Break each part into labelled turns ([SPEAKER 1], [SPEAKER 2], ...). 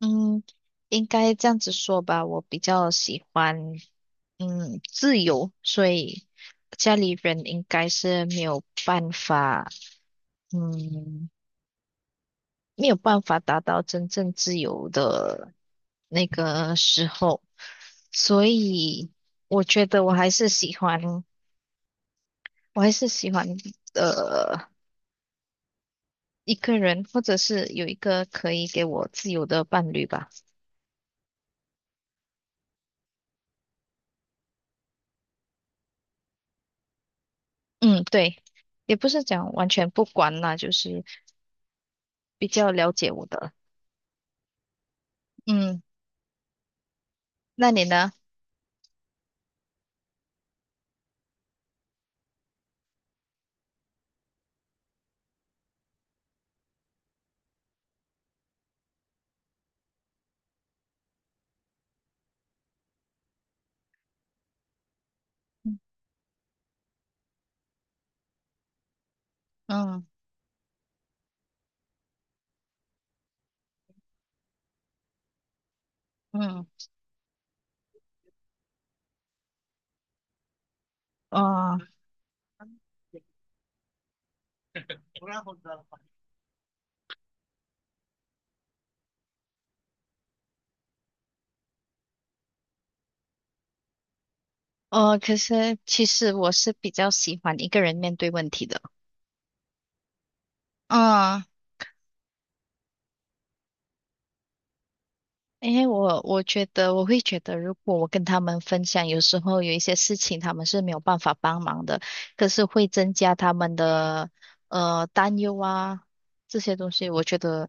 [SPEAKER 1] 嗯，应该这样子说吧，我比较喜欢自由，所以家里人应该是没有办法，嗯，没有办法达到真正自由的那个时候，所以我觉得我还是喜欢呃一个人，或者是有一个可以给我自由的伴侣吧。嗯，对，也不是讲完全不管啦，就是比较了解我的。嗯。那你呢？嗯嗯嗯哦哦，可是其实我是比较喜欢一个人面对问题的。嗯，因为我觉得我会觉得，如果我跟他们分享，有时候有一些事情他们是没有办法帮忙的，可是会增加他们的担忧啊这些东西，我觉得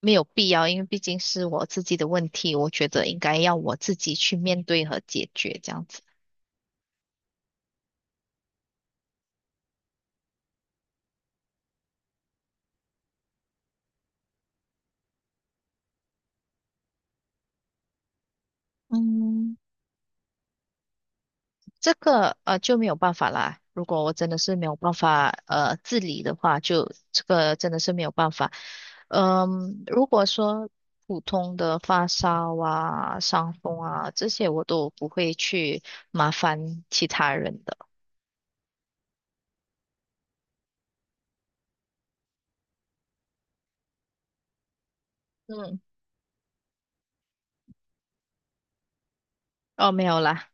[SPEAKER 1] 没有必要，因为毕竟是我自己的问题，我觉得应该要我自己去面对和解决这样子。嗯。这个就没有办法啦。如果我真的是没有办法自理的话，就这个真的是没有办法。嗯，如果说普通的发烧啊、伤风啊这些，我都不会去麻烦其他人的。嗯，哦，没有啦，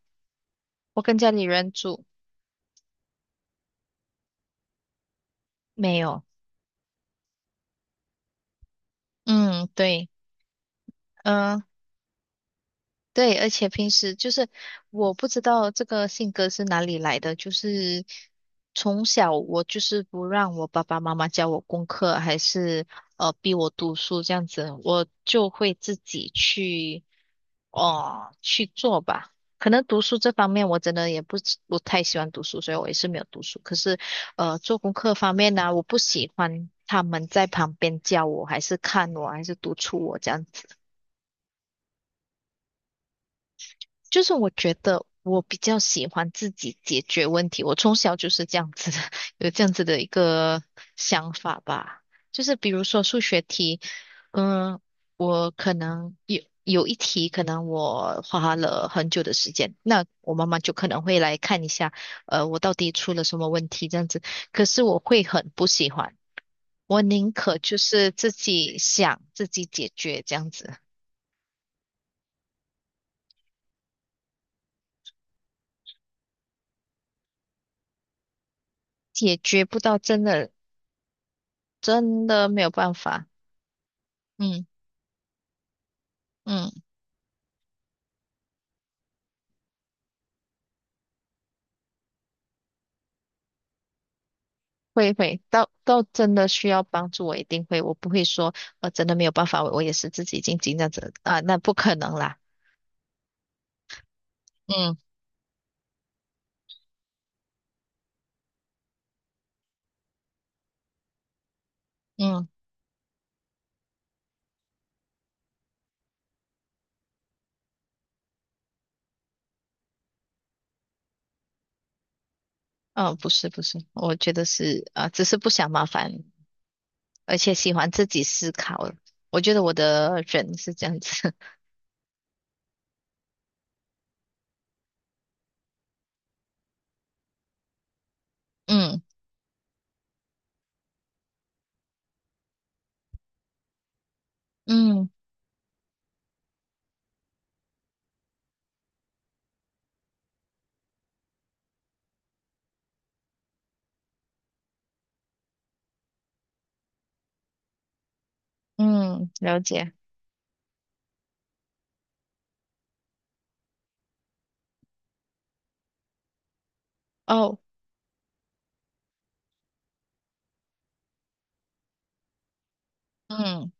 [SPEAKER 1] 我跟家里人住，没有。嗯，对，嗯、对，而且平时就是我不知道这个性格是哪里来的，就是从小我就是不让我爸爸妈妈教我功课，还是逼我读书这样子，我就会自己去哦、去做吧。可能读书这方面我真的也不是不太喜欢读书，所以我也是没有读书。可是做功课方面呢、我不喜欢他们在旁边教我，还是看我，还是督促我这样就是我觉得我比较喜欢自己解决问题，我从小就是这样子的，有这样子的一个想法吧。就是比如说数学题，嗯，我可能有一题，可能我花了很久的时间，那我妈妈就可能会来看一下，我到底出了什么问题这样子。可是我会很不喜欢，我宁可就是自己想，自己解决这样子，解决不到真的没有办法。嗯嗯，会，到真的需要帮助，我一定会，我不会说，真的没有办法，我也是自己静静这样子啊，那不可能啦。嗯嗯，嗯，不是不是，我觉得是啊，只是不想麻烦，而且喜欢自己思考。我觉得我的人是这样子。嗯嗯嗯，了解。哦，嗯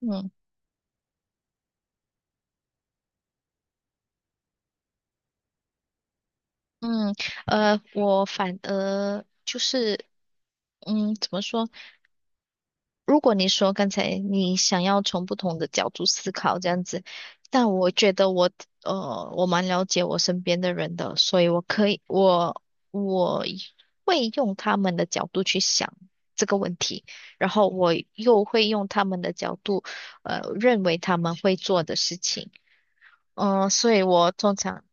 [SPEAKER 1] 嗯嗯，我反而就是，嗯，怎么说？如果你说刚才你想要从不同的角度思考这样子，但我觉得我蛮了解我身边的人的，所以我可以我我会用他们的角度去想这个问题，然后我又会用他们的角度认为他们会做的事情。嗯、所以我通常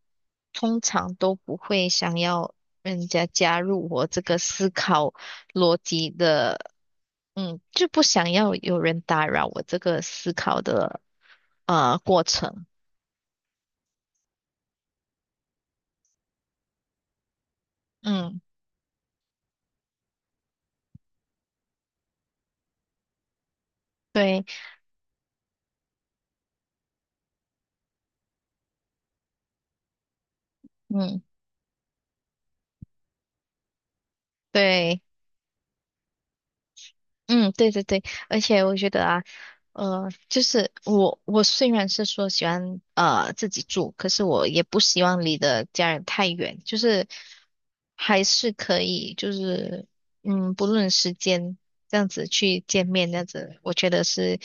[SPEAKER 1] 通常都不会想要人家加入我这个思考逻辑的，嗯，就不想要有人打扰我这个思考的过程。嗯，对，嗯，对。嗯，对对对，而且我觉得啊，就是我虽然是说喜欢自己住，可是我也不希望离的家人太远，就是还是可以，就是不论时间这样子去见面，这样子我觉得是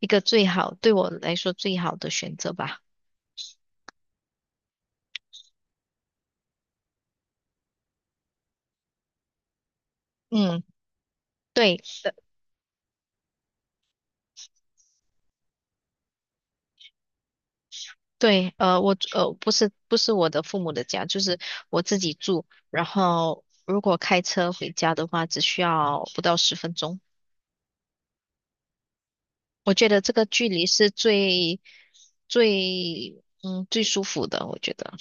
[SPEAKER 1] 一个最好，对我来说最好的选择吧。嗯，对。对，我不是我的父母的家，就是我自己住。然后如果开车回家的话，只需要不到10分钟。我觉得这个距离是最舒服的，我觉得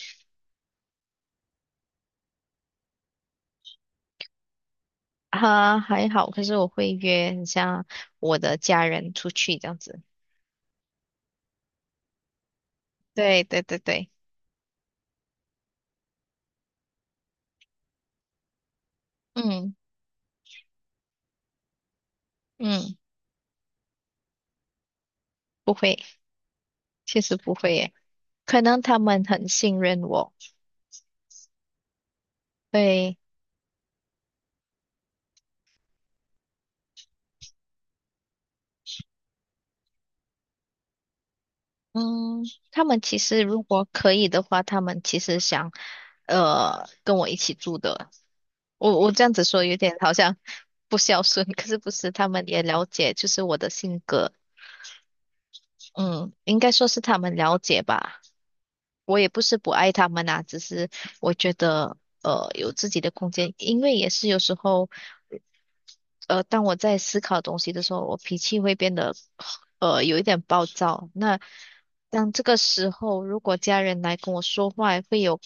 [SPEAKER 1] 哈还好。可是我会约很像我的家人出去这样子。对对对对，嗯嗯，不会，确实不会耶。可能他们很信任我，对。嗯，他们其实如果可以的话，他们其实想，跟我一起住的。我这样子说有点好像不孝顺，可是不是，他们也了解就是我的性格，嗯，应该说是他们了解吧。我也不是不爱他们啊，只是我觉得有自己的空间，因为也是有时候当我在思考东西的时候，我脾气会变得有一点暴躁。那当这个时候，如果家人来跟我说话，会有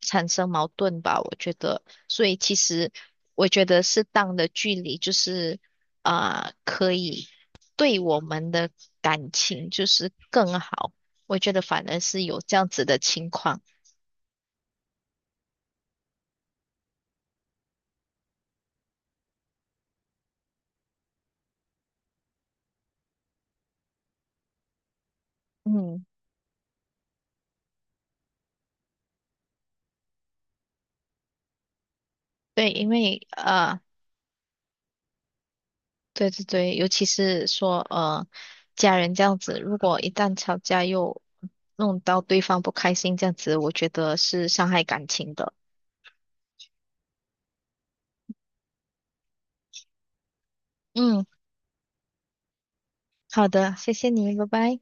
[SPEAKER 1] 产生矛盾吧？我觉得，所以其实我觉得适当的距离就是啊、可以。对我们的感情就是更好。我觉得反而是有这样子的情况。嗯对，因为对对对，尤其是说家人这样子，如果一旦吵架又弄到对方不开心，这样子，我觉得是伤害感情的。嗯，好的，谢谢你，拜拜。